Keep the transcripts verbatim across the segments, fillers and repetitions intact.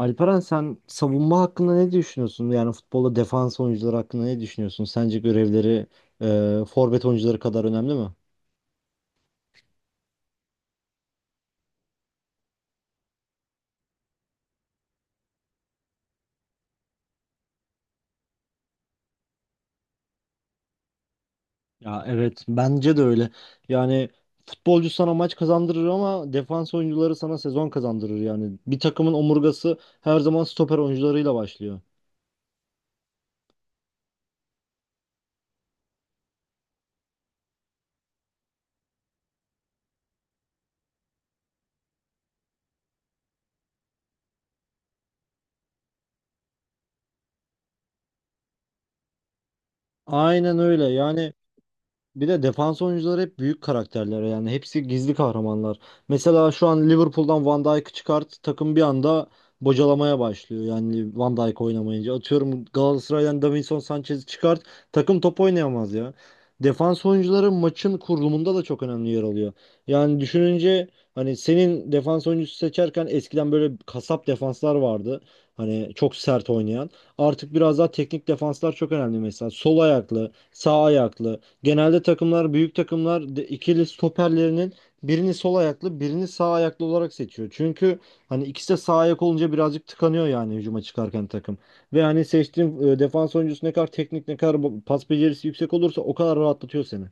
Alperen, sen savunma hakkında ne düşünüyorsun? Yani futbolda defans oyuncuları hakkında ne düşünüyorsun? Sence görevleri e, forvet oyuncuları kadar önemli mi? Ya evet, bence de öyle. Yani futbolcu sana maç kazandırır ama defans oyuncuları sana sezon kazandırır yani. Bir takımın omurgası her zaman stoper oyuncularıyla başlıyor. Aynen öyle. Yani, Bir de defans oyuncuları hep büyük karakterler, yani hepsi gizli kahramanlar. Mesela şu an Liverpool'dan Van Dijk'ı çıkart, takım bir anda bocalamaya başlıyor yani, Van Dijk oynamayınca. Atıyorum, Galatasaray'dan Davinson Sanchez'i çıkart, takım top oynayamaz ya. Defans oyuncuları maçın kurulumunda da çok önemli yer alıyor. Yani düşününce, hani senin defans oyuncusu seçerken eskiden böyle kasap defanslar vardı. Hani çok sert oynayan. Artık biraz daha teknik defanslar çok önemli mesela. Sol ayaklı, sağ ayaklı. Genelde takımlar, büyük takımlar de- ikili stoperlerinin birini sol ayaklı, birini sağ ayaklı olarak seçiyor. Çünkü hani ikisi de sağ ayak olunca birazcık tıkanıyor, yani hücuma çıkarken takım. Ve hani seçtiğin e, defans oyuncusu ne kadar teknik, ne kadar bu- pas becerisi yüksek olursa o kadar rahatlatıyor seni.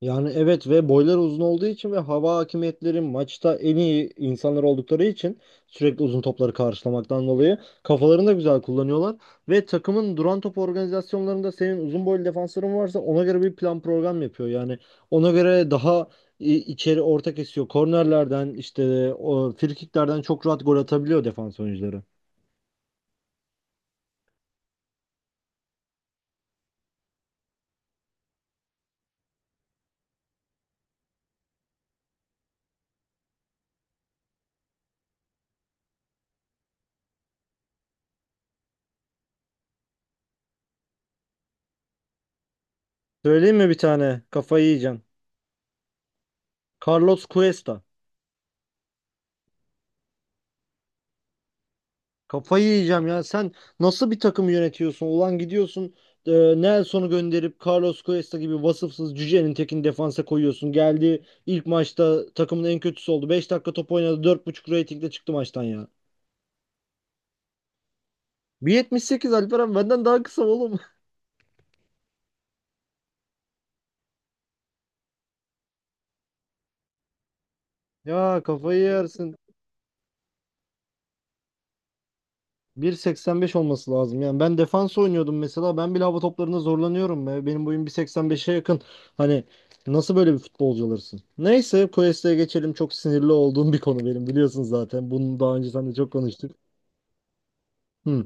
Yani evet, ve boyları uzun olduğu için ve hava hakimiyetleri maçta en iyi insanlar oldukları için, sürekli uzun topları karşılamaktan dolayı kafalarını da güzel kullanıyorlar. Ve takımın duran top organizasyonlarında senin uzun boylu defansların varsa ona göre bir plan program yapıyor. Yani ona göre daha i- içeri orta kesiyor. Kornerlerden, işte o frikiklerden çok rahat gol atabiliyor defans oyuncuları. Söyleyeyim mi bir tane? Kafayı yiyeceksin. Carlos Cuesta. Kafayı yiyeceğim ya. Sen nasıl bir takım yönetiyorsun? Ulan gidiyorsun e, Nelson'u gönderip Carlos Cuesta gibi vasıfsız cücenin tekini defansa koyuyorsun. Geldi, ilk maçta takımın en kötüsü oldu. beş dakika top oynadı. dört buçuk ratingle çıktı maçtan ya. bir yetmiş sekiz, Alperen, benden daha kısa oğlum. Ya, kafayı yersin. bir seksen beş olması lazım. Yani ben defans oynuyordum mesela. Ben bile hava toplarında zorlanıyorum. Be. Benim boyum bir seksen beşe yakın. Hani nasıl böyle bir futbolcu olursun? Neyse, Quest'e geçelim. Çok sinirli olduğum bir konu benim, biliyorsun zaten. Bunu daha önce seninle çok konuştuk. Hı.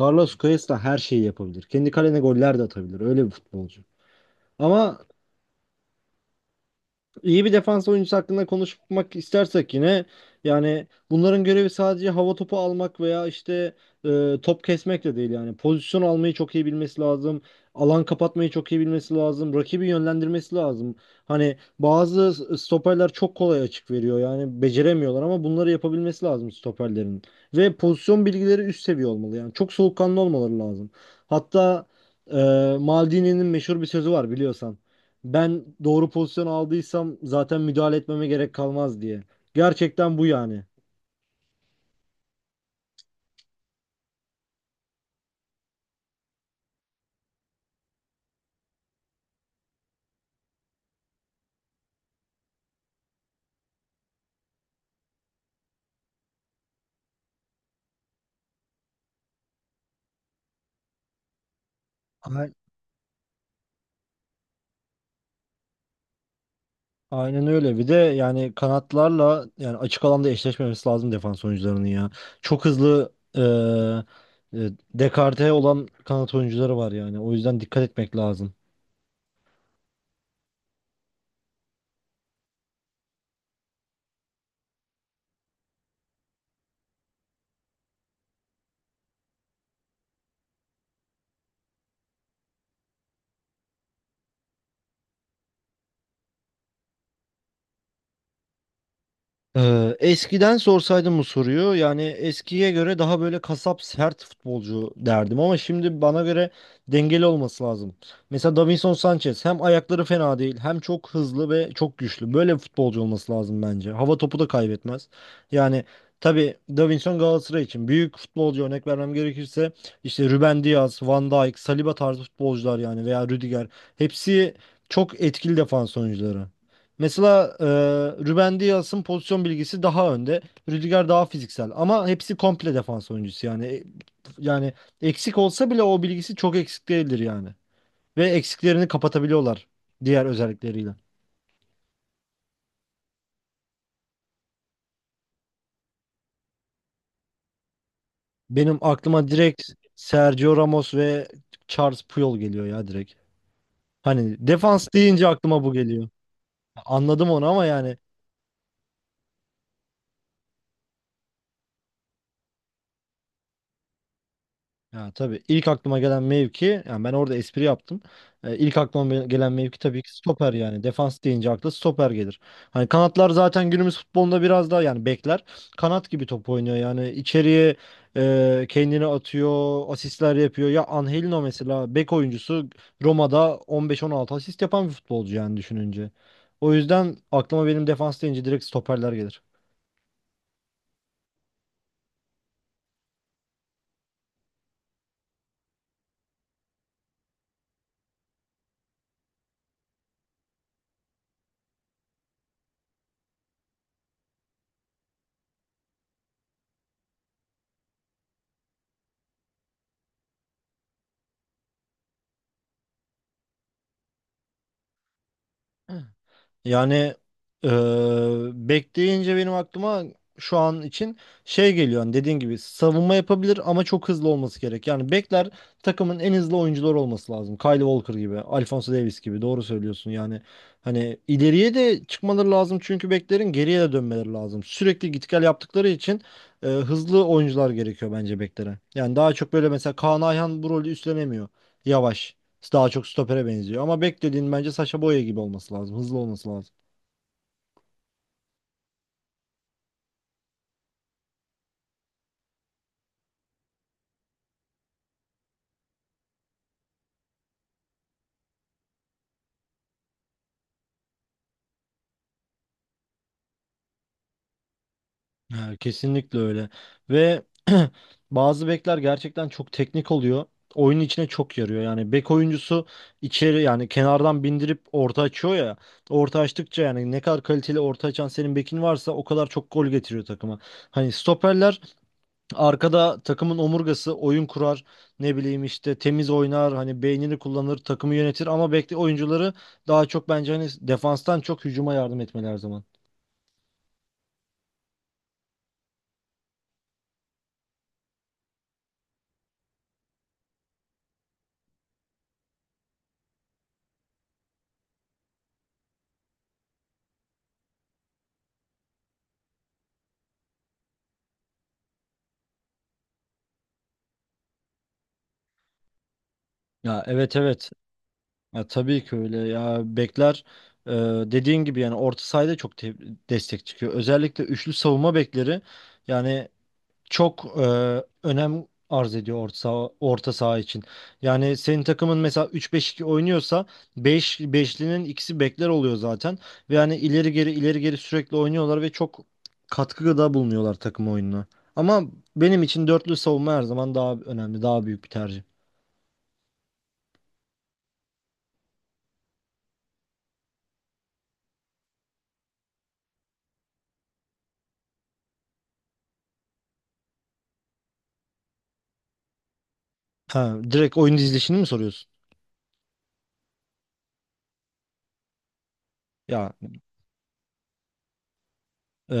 Carlos Cuesta her şeyi yapabilir. Kendi kalene goller de atabilir. Öyle bir futbolcu. Ama İyi bir defans oyuncusu hakkında konuşmak istersek yine, yani bunların görevi sadece hava topu almak veya işte e, top kesmek de değil, yani pozisyon almayı çok iyi bilmesi lazım. Alan kapatmayı çok iyi bilmesi lazım. Rakibi yönlendirmesi lazım. Hani bazı stoperler çok kolay açık veriyor. Yani beceremiyorlar, ama bunları yapabilmesi lazım stoperlerin. Ve pozisyon bilgileri üst seviye olmalı. Yani çok soğukkanlı olmaları lazım. Hatta e, Maldini'nin meşhur bir sözü var, biliyorsan. Ben doğru pozisyon aldıysam zaten müdahale etmeme gerek kalmaz, diye. Gerçekten bu yani. A- Aynen öyle. Bir de yani kanatlarla, yani açık alanda eşleşmemesi lazım defans oyuncularının ya. Çok hızlı, e, e, dekarte olan kanat oyuncuları var yani. O yüzden dikkat etmek lazım. Ee, eskiden sorsaydım bu soruyu, yani eskiye göre daha böyle kasap sert futbolcu derdim, ama şimdi bana göre dengeli olması lazım. Mesela Davinson Sanchez hem ayakları fena değil, hem çok hızlı ve çok güçlü. Böyle bir futbolcu olması lazım bence. Hava topu da kaybetmez. Yani tabii Davinson Galatasaray için büyük futbolcu. Örnek vermem gerekirse işte Ruben Dias, Van Dijk, Saliba tarzı futbolcular, yani veya Rüdiger, hepsi çok etkili defans oyuncuları. Mesela e, Ruben Dias'ın pozisyon bilgisi daha önde. Rüdiger daha fiziksel, ama hepsi komple defans oyuncusu yani. E, Yani eksik olsa bile o bilgisi çok eksik değildir yani. Ve eksiklerini kapatabiliyorlar diğer özellikleriyle. Benim aklıma direkt Sergio Ramos ve Charles Puyol geliyor ya, direkt. Hani defans deyince aklıma bu geliyor. Anladım onu, ama yani... Ya, tabii ilk aklıma gelen mevki, yani ben orada espri yaptım. Ee, ilk aklıma be- gelen mevki tabii ki stoper yani. Defans deyince akla stoper gelir. Hani kanatlar zaten günümüz futbolunda biraz daha, yani bekler kanat gibi top oynuyor. Yani içeriye e, kendini atıyor, asistler yapıyor. Ya Angelino mesela bek oyuncusu, Roma'da on beş on altı asist yapan bir futbolcu yani, düşününce. O yüzden aklıma benim defans deyince direkt stoperler gelir. Yani eee bekleyince benim aklıma şu an için şey geliyor. Hani dediğin gibi savunma yapabilir ama çok hızlı olması gerek. Yani bekler takımın en hızlı oyuncuları olması lazım. Kyle Walker gibi, Alphonso Davies gibi, doğru söylüyorsun. Yani hani ileriye de çıkmaları lazım, çünkü beklerin geriye de dönmeleri lazım. Sürekli git gel yaptıkları için eee, hızlı oyuncular gerekiyor bence beklere. Yani daha çok böyle, mesela Kaan Ayhan bu rolü üstlenemiyor. Yavaş. Daha çok stopere benziyor. Ama bek dediğin bence Sacha Boey gibi olması lazım. Hızlı olması lazım. Ha, kesinlikle öyle. Ve bazı bekler gerçekten çok teknik oluyor. Oyunun içine çok yarıyor. Yani bek oyuncusu içeri, yani kenardan bindirip orta açıyor ya. Orta açtıkça, yani ne kadar kaliteli orta açan senin bekin varsa o kadar çok gol getiriyor takıma. Hani stoperler arkada takımın omurgası, oyun kurar, ne bileyim işte, temiz oynar, hani beynini kullanır, takımı yönetir, ama bekle oyuncuları daha çok, bence hani, defanstan çok hücuma yardım etmeli her zaman. Ya evet, evet, ya, tabii ki öyle ya, bekler e, dediğin gibi, yani orta sahada çok te- destek çıkıyor, özellikle üçlü savunma bekleri, yani çok e, önem arz ediyor orta saha, orta saha için. Yani senin takımın mesela üç beş iki oynuyorsa beş beşlinin ikisi bekler oluyor zaten. Ve yani ileri geri, ileri geri sürekli oynuyorlar ve çok katkıda bulunuyorlar takım oyununa. Ama benim için dörtlü savunma her zaman daha önemli, daha büyük bir tercih. Ha, direkt oyun dizilişini mi soruyorsun? Ya, Ee,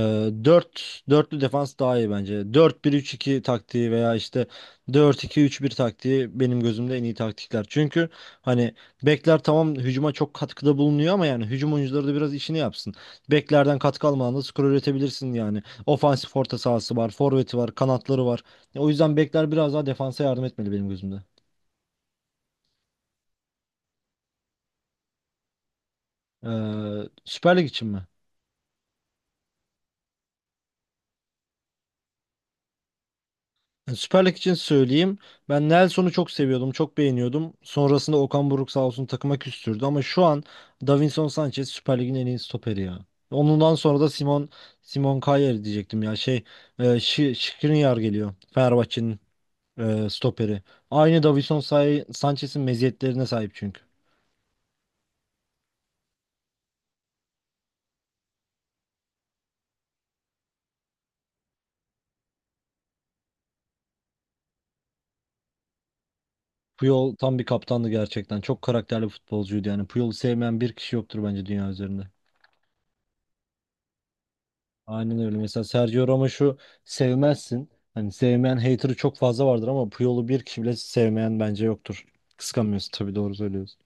dört dörtlü defans daha iyi bence. Dört bir üç iki taktiği veya işte dört iki üç bir taktiği benim gözümde en iyi taktikler. Çünkü hani bekler tamam hücuma çok katkıda bulunuyor, ama yani hücum oyuncuları da biraz işini yapsın. Beklerden katkı almadan da skor üretebilirsin yani. Ofansif orta sahası var, forveti var, kanatları var. O yüzden bekler biraz daha defansa yardım etmeli benim gözümde. Ee, Süper Lig için mi? Yani Süper Lig için söyleyeyim. Ben Nelson'u çok seviyordum, çok beğeniyordum. Sonrasında Okan Buruk sağ olsun takıma küstürdü, ama şu an Davinson Sanchez Süper Lig'in en iyi stoperi ya. Ondan sonra da Simon Simon Kjaer diyecektim ya. Şey, e, Şi- Skriniar geliyor. Fenerbahçe'nin e, stoperi. Aynı Davinson Say- Sanchez'in meziyetlerine sahip çünkü. Puyol tam bir kaptandı gerçekten. Çok karakterli futbolcuydu yani. Puyol'u sevmeyen bir kişi yoktur bence dünya üzerinde. Aynen öyle. Mesela Sergio Ramos'u sevmezsin. Hani sevmeyen, hater'ı çok fazla vardır, ama Puyol'u bir kişi bile sevmeyen bence yoktur. Kıskanmıyorsun tabii, doğru söylüyorsun.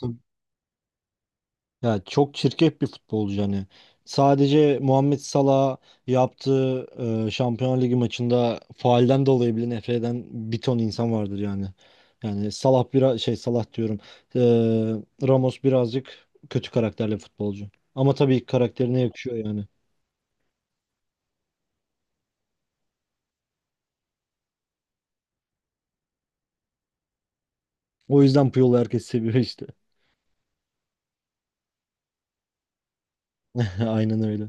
Tabii. Ya, çok çirkef bir futbolcu hani. Sadece Muhammed Salah yaptığı e, Şampiyonlar Ligi maçında faalden dolayı bile nefret eden bir ton insan vardır yani. Yani Salah biraz şey, Salah diyorum. E, Ramos birazcık kötü karakterli futbolcu. Ama tabii karakterine yakışıyor yani. O yüzden Puyol'u herkes seviyor işte. Aynen öyle.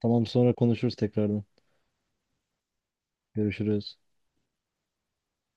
Tamam, sonra konuşuruz tekrardan. Görüşürüz.